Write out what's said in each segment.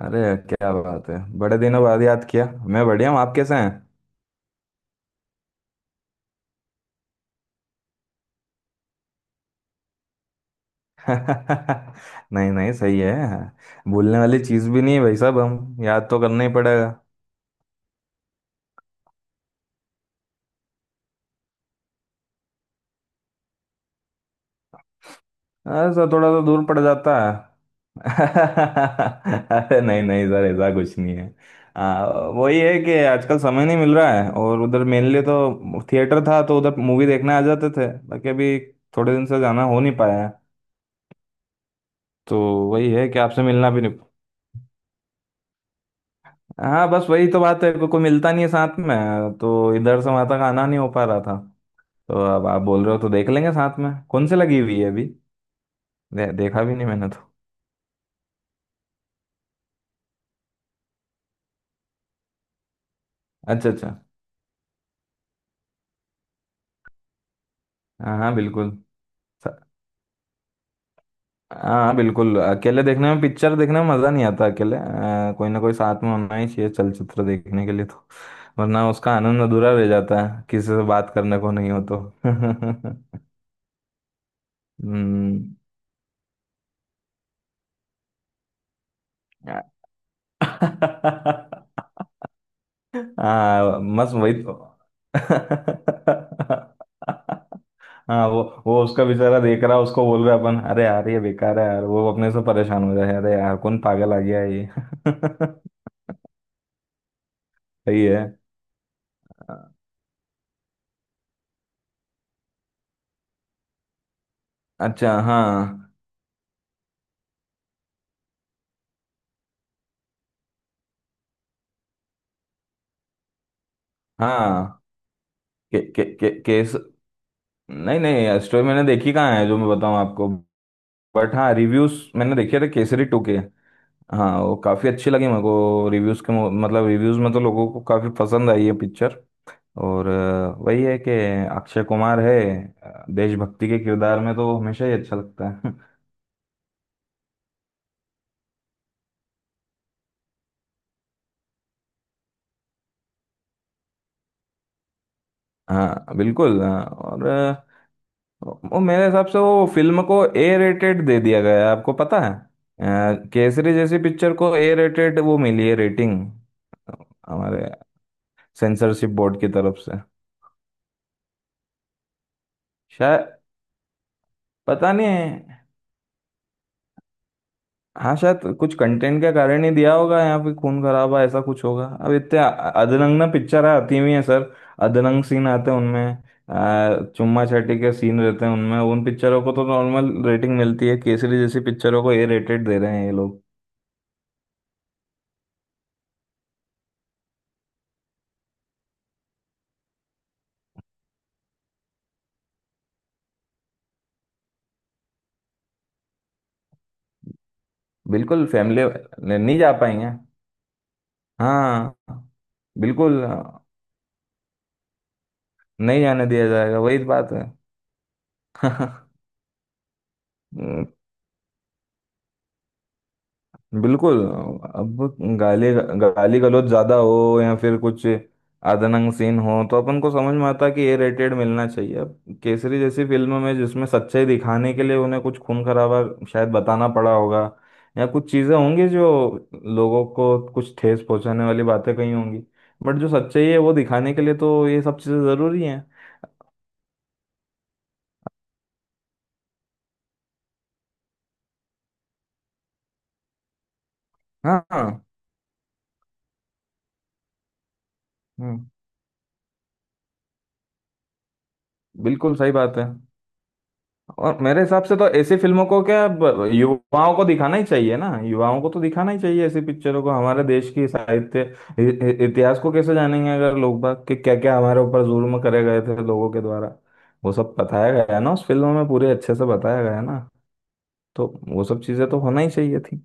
अरे, क्या बात है! बड़े दिनों बाद याद किया। मैं बढ़िया हूँ, आप कैसे हैं? नहीं नहीं, सही है। भूलने वाली चीज़ भी नहीं है भाई साहब, हम याद तो करना ही पड़ेगा। अरे सर, थोड़ा सा दूर पड़ जाता है। अरे नहीं नहीं सर, ऐसा कुछ नहीं है। आ, वही है कि आजकल समय नहीं मिल रहा है, और उधर मेनली तो थिएटर था तो उधर मूवी देखने आ जाते थे, बाकी अभी थोड़े दिन से जाना हो नहीं पाया है। तो वही है कि आपसे मिलना भी नहीं। हाँ बस वही तो बात है, कोई मिलता नहीं है साथ में, तो इधर से वहां तक आना नहीं हो पा रहा था। तो अब आप बोल रहे हो तो देख लेंगे साथ में कौन से लगी हुई है अभी। देखा भी नहीं मैंने तो। अच्छा अच्छा। हाँ हाँ बिल्कुल। स- हाँ हाँ, बिल्कुल। अकेले देखने में, पिक्चर देखने में मजा नहीं आता अकेले। कोई ना कोई साथ में होना ही चाहिए चलचित्र देखने के लिए तो, वरना उसका आनंद अधूरा रह जाता है, किसी से बात करने को नहीं हो तो। हम्म। हाँ बस वही तो। हाँ वो उसका बेचारा देख रहा है, उसको बोल रहा है अपन, अरे यार ये बेकार है यार, वो अपने से परेशान हो रहा है, अरे यार कौन पागल आ गया है ये। सही है। अच्छा हाँ। हाँ के, केस नहीं नहीं, स्टोरी मैंने देखी कहाँ है जो मैं बताऊँ आपको। बट हाँ, रिव्यूज मैंने देखे थे केसरी टू के। हाँ वो काफी अच्छी लगी मेरे को, रिव्यूज के मतलब रिव्यूज में तो लोगों को काफी पसंद आई है पिक्चर। और वही है कि अक्षय कुमार है। देशभक्ति के किरदार में तो वो हमेशा ही अच्छा लगता है। हाँ बिल्कुल। और वो, मेरे हिसाब से वो फिल्म को ए रेटेड दे दिया गया है। आपको पता है, केसरी जैसी पिक्चर को ए रेटेड वो मिली है, रेटिंग हमारे सेंसरशिप बोर्ड की तरफ से। शायद, पता नहीं। हाँ शायद कुछ कंटेंट के कारण ही दिया होगा, यहाँ पे खून खराबा ऐसा कुछ होगा। अब इतने अधरंग ना पिक्चर आती हुई है सर, अधरंग सीन आते हैं उनमें। चुम्मा चाटी के सीन रहते हैं उनमें, उन पिक्चरों को तो नॉर्मल रेटिंग मिलती है, केसरी जैसी पिक्चरों को ए रेटेड दे रहे हैं ये लोग। बिल्कुल, फैमिली नहीं जा पाएंगे। हाँ बिल्कुल, नहीं जाने दिया जाएगा वही बात है। बिल्कुल। अब गाली गाली गलौज ज्यादा हो या फिर कुछ आदनंग सीन हो तो अपन को समझ में आता है कि ए रेटेड मिलना चाहिए। अब केसरी जैसी फिल्म में जिसमें सच्चाई दिखाने के लिए उन्हें कुछ खून खराबा शायद बताना पड़ा होगा, या कुछ चीजें होंगी जो लोगों को कुछ ठेस पहुंचाने वाली बातें कही होंगी, बट जो सच्चाई है वो दिखाने के लिए तो ये सब चीजें जरूरी हैं। हाँ हाँ। हम्म, बिल्कुल सही बात है। और मेरे हिसाब से तो ऐसी फिल्मों को क्या, युवाओं को दिखाना ही चाहिए ना, युवाओं को तो दिखाना ही चाहिए ऐसी पिक्चरों को। हमारे देश की साहित्य, इ- इतिहास को कैसे जानेंगे अगर लोग बाग, कि क्या क्या हमारे ऊपर जुल्म करे गए थे लोगों के द्वारा। वो सब बताया गया है ना उस फिल्म में, पूरे अच्छे से बताया गया है ना, तो वो सब चीजें तो होना ही चाहिए थी।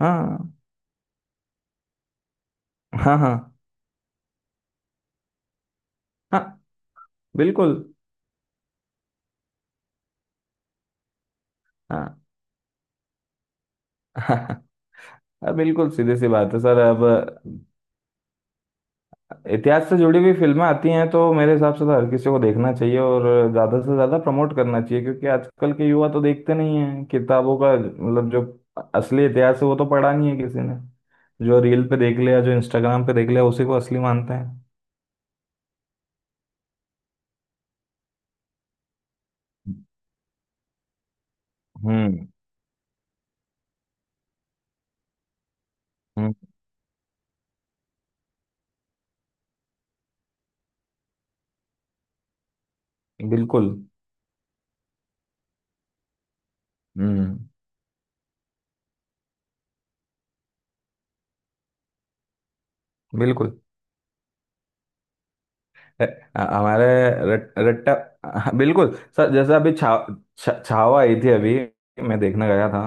हाँ हाँ। हाँ हाँ बिल्कुल। हाँ। हाँ बिल्कुल, सीधी सी बात है सर। अब इतिहास से जुड़ी हुई फिल्में आती हैं तो मेरे हिसाब से तो हर किसी को देखना चाहिए, और ज़्यादा से ज़्यादा प्रमोट करना चाहिए, क्योंकि आजकल के युवा तो देखते नहीं हैं किताबों का, मतलब जो असली इतिहास है वो तो पढ़ा नहीं है किसी ने। जो रील पे देख लिया, जो इंस्टाग्राम पे देख लिया, उसी को असली मानते हैं। हम्म हम्म बिल्कुल। हम्म बिल्कुल। हमारे रट्टा। हाँ बिल्कुल सर, जैसे अभी छा, छा, छावा आई थी अभी, मैं देखने गया था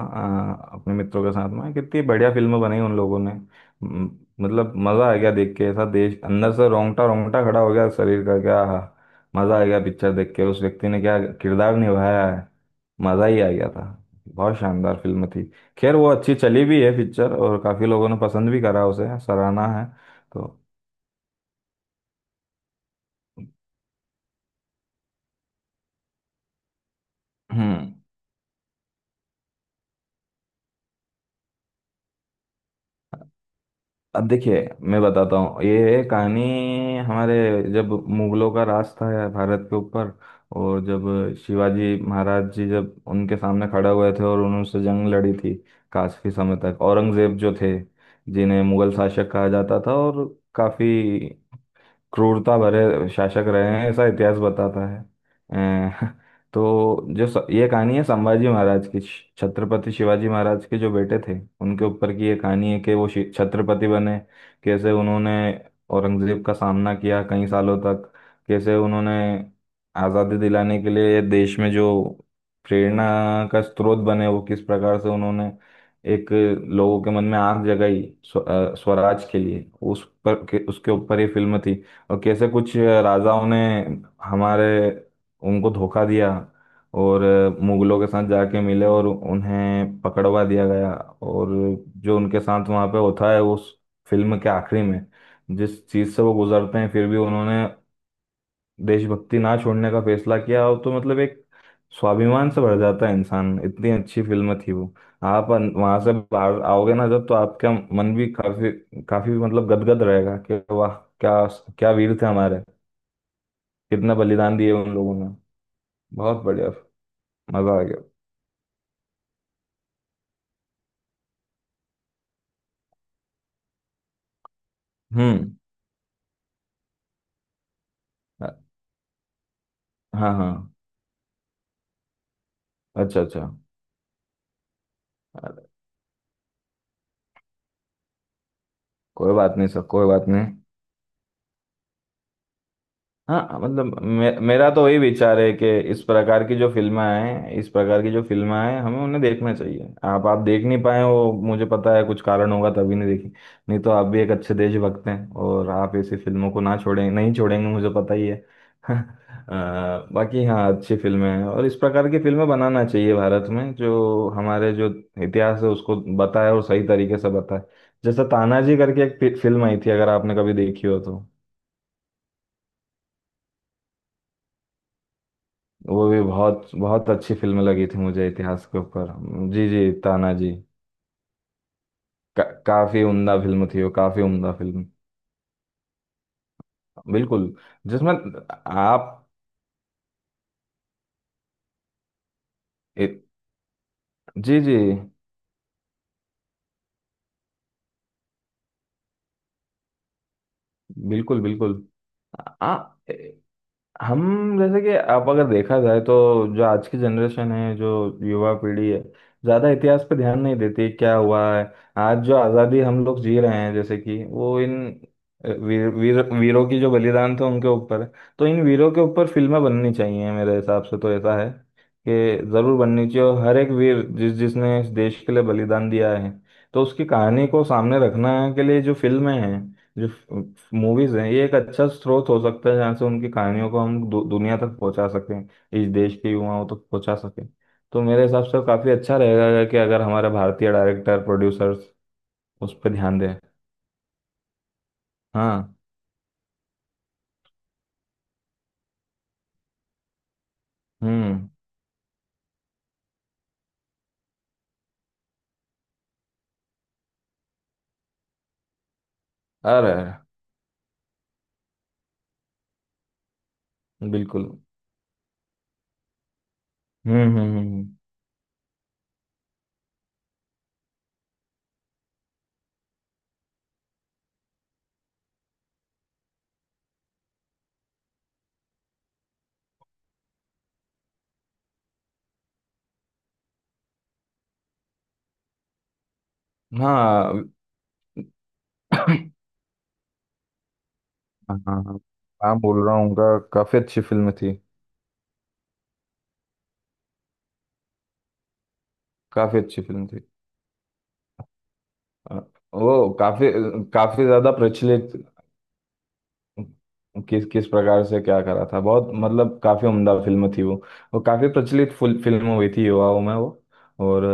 अपने मित्रों के साथ में। कितनी बढ़िया फिल्म बनाई उन लोगों ने, मतलब मजा आ गया देख के, ऐसा देश अंदर से, रोंगटा रोंगटा खड़ा हो गया शरीर का, क्या आहा, मजा आ गया पिक्चर देख के। उस व्यक्ति ने क्या किरदार निभाया है, मजा ही आ गया था। बहुत शानदार फिल्म थी। खैर वो अच्छी चली भी है पिक्चर, और काफी लोगों ने पसंद भी करा, उसे सराहना है तो। हम्म। अब देखिए, मैं बताता हूँ ये कहानी हमारे। जब मुगलों का राज था यार भारत के ऊपर, और जब शिवाजी महाराज जी जब उनके सामने खड़े हुए थे और उन्होंने उनसे जंग लड़ी थी काफी समय तक। औरंगजेब जो थे, जिन्हें मुगल शासक कहा जाता था, और काफी क्रूरता भरे शासक रहे हैं ऐसा इतिहास बताता है। अ, तो जो ये कहानी है संभाजी महाराज की, छत्रपति शिवाजी महाराज के जो बेटे थे, उनके ऊपर की ये कहानी है। कि वो छत्रपति बने, कैसे उन्होंने औरंगजेब का सामना किया कई सालों तक, कैसे उन्होंने आज़ादी दिलाने के लिए देश में जो प्रेरणा का स्रोत बने, वो किस प्रकार से उन्होंने एक लोगों के मन में आग जगाई स्वराज के लिए, उस पर उसके ऊपर ये फिल्म थी। और कैसे कुछ राजाओं ने हमारे उनको धोखा दिया और मुगलों के साथ जाके मिले और उन्हें पकड़वा दिया गया। और जो उनके साथ वहाँ पे होता है उस फिल्म के आखिरी में, जिस चीज़ से वो गुजरते हैं, फिर भी उन्होंने देशभक्ति ना छोड़ने का फैसला किया, और तो मतलब एक स्वाभिमान से भर जाता है इंसान, इतनी अच्छी फिल्म थी वो। आप वहां से बाहर आओगे ना जब, तो आपका मन भी काफी, काफी मतलब गदगद रहेगा कि वाह, क्या, क्या वीर थे हमारे, कितना बलिदान दिए उन लोगों ने। बहुत बढ़िया, मजा आ गया। हम्म। हाँ हाँ। हाँ। अच्छा अच्छा। अरे, कोई बात नहीं सर, कोई बात नहीं। हाँ मतलब, मेरा तो वही विचार है कि इस प्रकार की जो फिल्में हैं, इस प्रकार की जो फिल्में हैं हमें उन्हें देखना चाहिए। आप देख नहीं पाए, वो मुझे पता है कुछ कारण होगा तभी नहीं देखी। नहीं तो आप भी एक अच्छे देशभक्त हैं, और आप ऐसी फिल्मों को ना छोड़ें, नहीं छोड़ेंगे मुझे पता ही है। बाकी हाँ अच्छी फिल्में हैं, और इस प्रकार की फिल्में बनाना चाहिए भारत में, जो हमारे जो इतिहास है उसको बताए और सही तरीके से बताए। जैसे तानाजी करके एक फिल्म आई थी, अगर आपने कभी देखी हो तो। वो भी बहुत बहुत अच्छी फिल्म लगी थी मुझे, इतिहास के ऊपर। जी जी, ताना जी। काफी उम्दा फिल्म थी वो, काफी उम्दा फिल्म। बिल्कुल, जिसमें आप, ए, जी जी, बिल्कुल बिल्कुल। आ, हम, जैसे कि आप, अगर देखा जाए तो, जो आज की जनरेशन है, जो युवा पीढ़ी है, ज़्यादा इतिहास पे ध्यान नहीं देती क्या हुआ है। आज जो आज़ादी हम लोग जी रहे हैं, जैसे कि वो इन वीर, वीर वीरों की जो बलिदान थे उनके ऊपर है। तो इन वीरों के ऊपर फिल्में बननी चाहिए, मेरे हिसाब से तो ऐसा है कि ज़रूर बननी चाहिए। और हर एक वीर, जिस जिसने इस देश के लिए बलिदान दिया है, तो उसकी कहानी को सामने रखना के लिए जो फिल्में हैं, जो मूवीज हैं, ये एक अच्छा स्रोत हो सकता है जहाँ से उनकी कहानियों को हम दुनिया तक पहुंचा सकें, इस देश के युवाओं तक पहुंचा सकें। तो मेरे हिसाब से काफी अच्छा रहेगा कि अगर हमारे भारतीय डायरेक्टर प्रोड्यूसर्स उस पर ध्यान दें। हाँ। हम्म। अरे अरे, बिल्कुल। हम्म। हम्म। हाँ। हाँ। हाँ हाँ, बोल रहा हूँ उनका, काफी अच्छी फिल्म थी, काफी अच्छी फिल्म थी। अ, वो काफी, काफी ज्यादा प्रचलित, किस किस प्रकार से क्या करा था, बहुत मतलब काफी उम्दा फिल्म थी वो। वो काफी प्रचलित फुल फिल्म हुई थी युवाओं में वो। और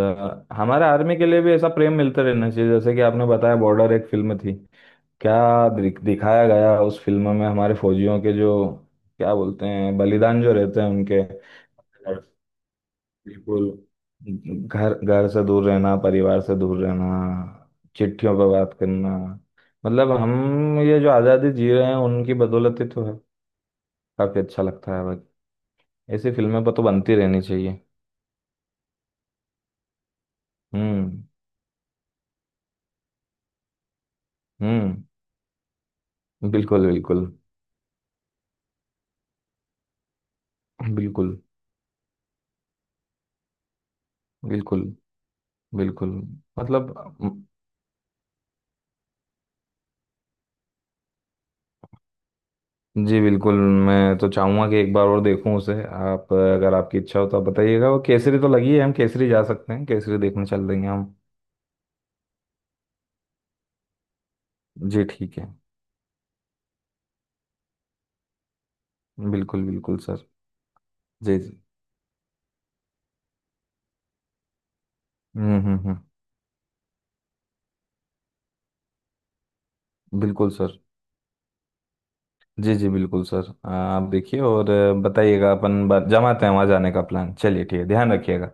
हमारे आर्मी के लिए भी ऐसा प्रेम मिलता रहना चाहिए, जैसे कि आपने बताया, बॉर्डर एक फिल्म थी। क्या दिखाया गया उस फिल्म में हमारे फौजियों के जो, क्या बोलते हैं, बलिदान जो रहते हैं उनके। बिल्कुल, घर घर से दूर रहना, परिवार से दूर रहना, चिट्ठियों पर बात करना। मतलब हम ये जो आज़ादी जी रहे हैं, उनकी बदौलत ही तो है। काफी अच्छा लगता है भाई, ऐसी फिल्में पर तो बनती रहनी चाहिए। हम्म हम्म। बिल्कुल बिल्कुल। बिल्कुल। बिल्कुल बिल्कुल, मतलब, म- जी बिल्कुल। मैं तो चाहूंगा कि एक बार और देखूं उसे। आप अगर आपकी इच्छा हो तो आप बताइएगा, वो केसरी तो लगी है, हम केसरी जा सकते हैं, केसरी देखने चल देंगे हम। जी ठीक है। बिल्कुल बिल्कुल सर। जी जी। हम्म। बिल्कुल सर। जी जी बिल्कुल सर, आप देखिए और बताइएगा, अपन जमाते हैं वहाँ जाने का प्लान। चलिए, ठीक है, ध्यान रखिएगा।